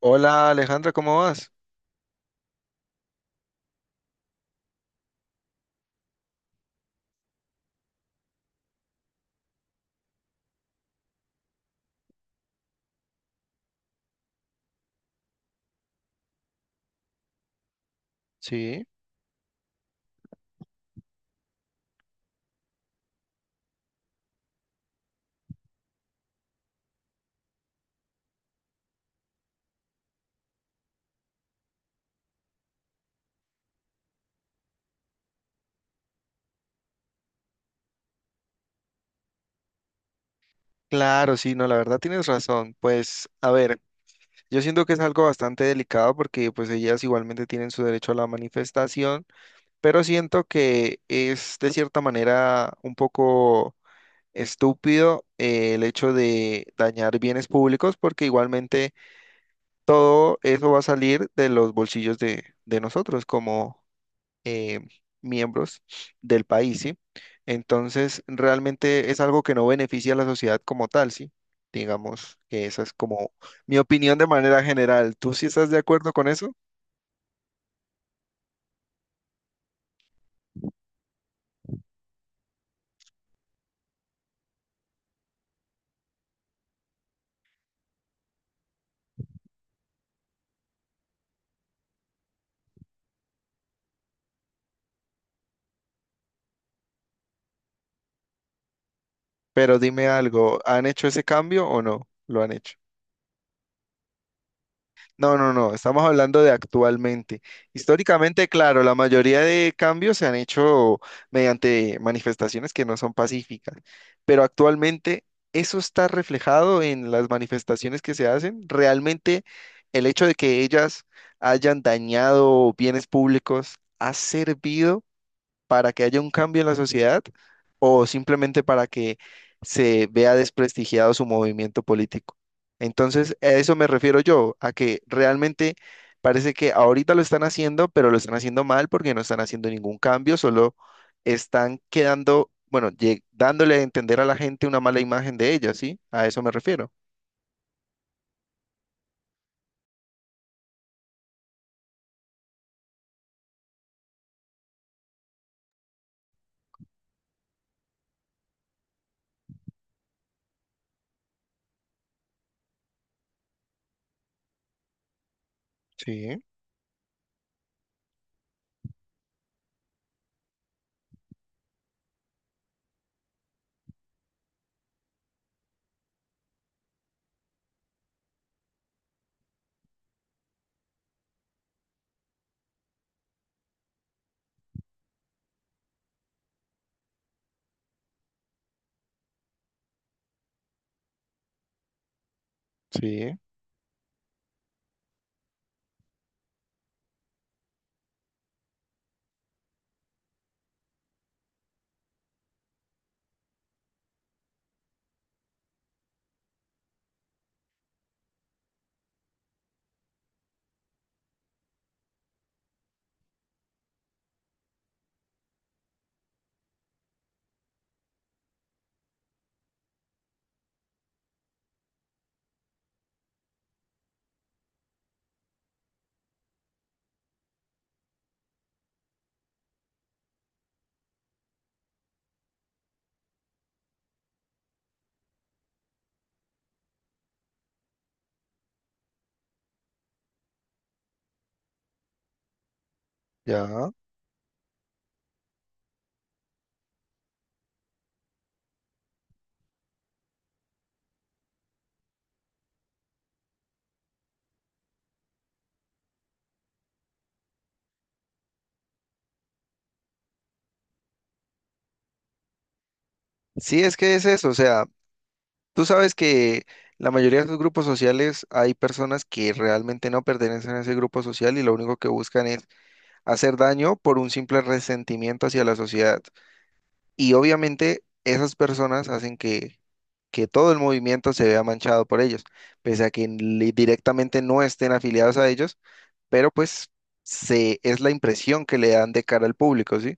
Hola, Alejandra, ¿cómo vas? Sí, claro, sí, no, la verdad tienes razón. Pues, a ver, yo siento que es algo bastante delicado porque pues ellas igualmente tienen su derecho a la manifestación, pero siento que es de cierta manera un poco estúpido, el hecho de dañar bienes públicos porque igualmente todo eso va a salir de los bolsillos de nosotros como eh, miembros del país, ¿sí? Entonces, realmente es algo que no beneficia a la sociedad como tal, ¿sí? Digamos que esa es como mi opinión de manera general. ¿Tú sí estás de acuerdo con eso? Pero dime algo, ¿han hecho ese cambio o no? ¿Lo han hecho? No, no, no, estamos hablando de actualmente. Históricamente, claro, la mayoría de cambios se han hecho mediante manifestaciones que no son pacíficas, pero actualmente eso está reflejado en las manifestaciones que se hacen. Realmente el hecho de que ellas hayan dañado bienes públicos ha servido para que haya un cambio en la sociedad o simplemente para que se vea desprestigiado su movimiento político. Entonces, a eso me refiero yo, a que realmente parece que ahorita lo están haciendo, pero lo están haciendo mal porque no están haciendo ningún cambio, solo están quedando, bueno, dándole a entender a la gente una mala imagen de ella, ¿sí? A eso me refiero. Sí, sí, ya. Sí, es que es eso, o sea. Tú sabes que la mayoría de los grupos sociales hay personas que realmente no pertenecen a ese grupo social y lo único que buscan es hacer daño por un simple resentimiento hacia la sociedad. Y obviamente esas personas hacen que todo el movimiento se vea manchado por ellos, pese a que directamente no estén afiliados a ellos, pero pues se, es la impresión que le dan de cara al público, ¿sí?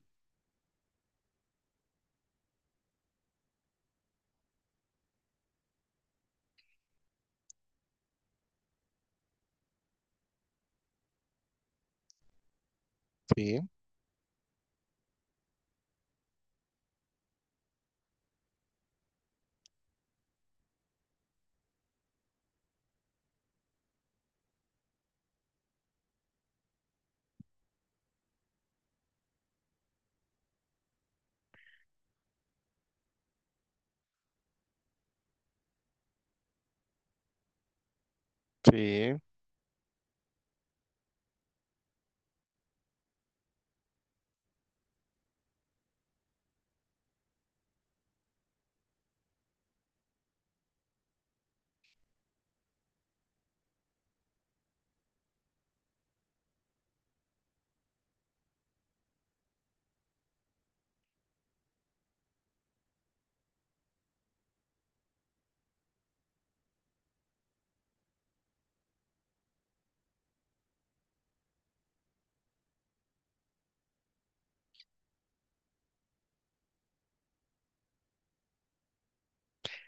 Sí, sí.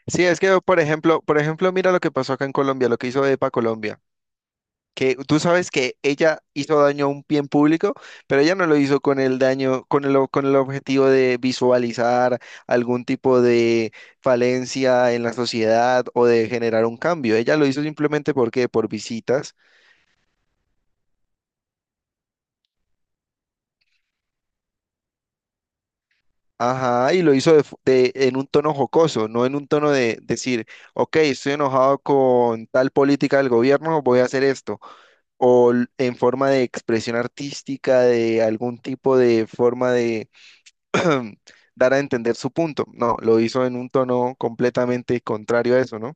Sí, es que, por ejemplo, mira lo que pasó acá en Colombia, lo que hizo EPA Colombia. Que tú sabes que ella hizo daño a un bien público, pero ella no lo hizo con el daño, con el objetivo de visualizar algún tipo de falencia en la sociedad o de generar un cambio. Ella lo hizo simplemente porque por visitas. Ajá, y lo hizo en un tono jocoso, no en un tono de decir, ok, estoy enojado con tal política del gobierno, voy a hacer esto, o en forma de expresión artística, de algún tipo de forma de dar a entender su punto. No, lo hizo en un tono completamente contrario a eso, ¿no?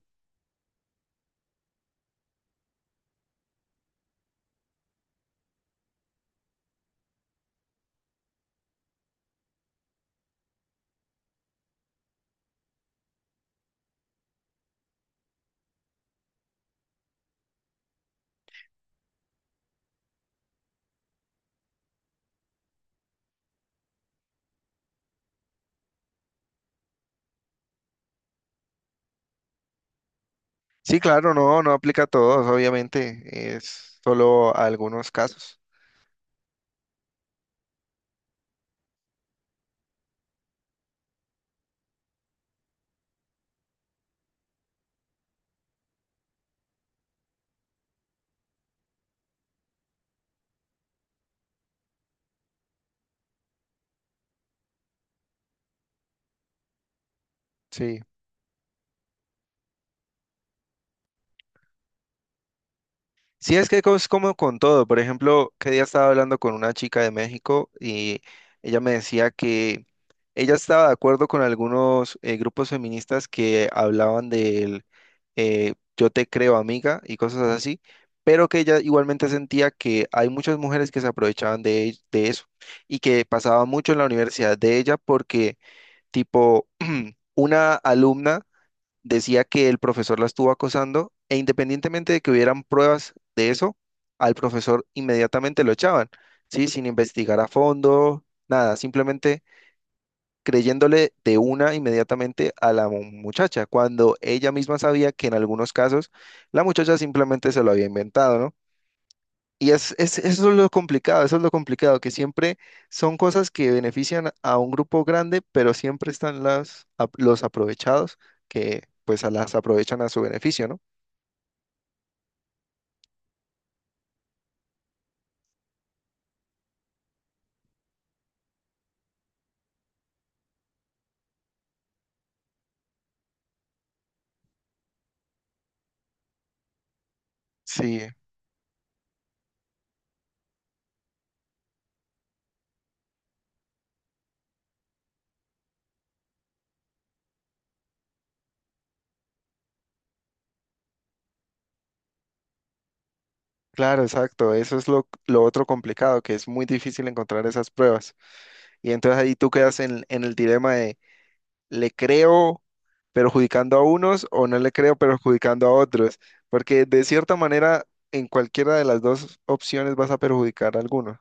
Sí, claro, no, no aplica a todos, obviamente, es solo a algunos casos. Sí. Sí, es que es como con todo. Por ejemplo, que día estaba hablando con una chica de México y ella me decía que ella estaba de acuerdo con algunos grupos feministas que hablaban del yo te creo amiga y cosas así, pero que ella igualmente sentía que hay muchas mujeres que se aprovechaban de eso y que pasaba mucho en la universidad de ella porque tipo una alumna decía que el profesor la estuvo acosando e independientemente de que hubieran pruebas de eso, al profesor inmediatamente lo echaban, ¿sí? Sin investigar a fondo, nada, simplemente creyéndole de una inmediatamente a la muchacha, cuando ella misma sabía que en algunos casos la muchacha simplemente se lo había inventado, ¿no? Y eso es lo complicado, eso es lo complicado, que siempre son cosas que benefician a un grupo grande, pero siempre están los aprovechados que pues a las aprovechan a su beneficio, ¿no? Sí, claro, exacto. Eso es lo otro complicado, que es muy difícil encontrar esas pruebas. Y entonces ahí tú quedas en el dilema de, ¿le creo perjudicando a unos o no le creo perjudicando a otros? Porque de cierta manera, en cualquiera de las dos opciones vas a perjudicar a alguno.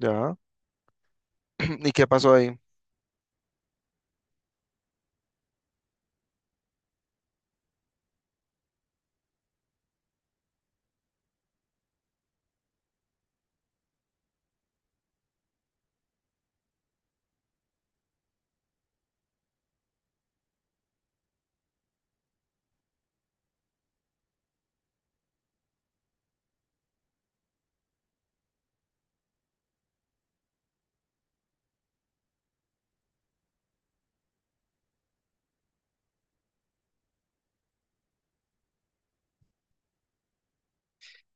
Ya. ¿Y qué pasó ahí?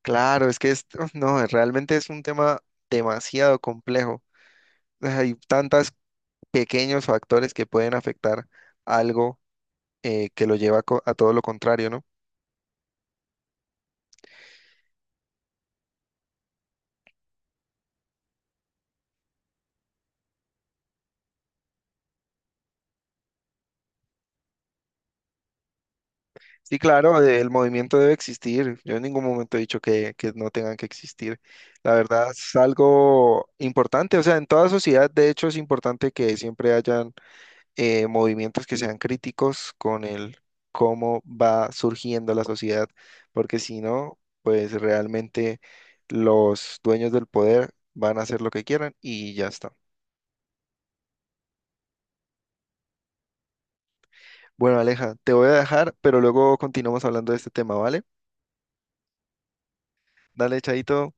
Claro, es que esto, no, realmente es un tema demasiado complejo. Hay tantos pequeños factores que pueden afectar algo, que lo a todo lo contrario, ¿no? Sí, claro, el movimiento debe existir. Yo en ningún momento he dicho que no tengan que existir. La verdad es algo importante. O sea, en toda sociedad, de hecho, es importante que siempre haya movimientos que sean críticos con el cómo va surgiendo la sociedad, porque si no, pues realmente los dueños del poder van a hacer lo que quieran y ya está. Bueno, Aleja, te voy a dejar, pero luego continuamos hablando de este tema, ¿vale? Dale, Chaito.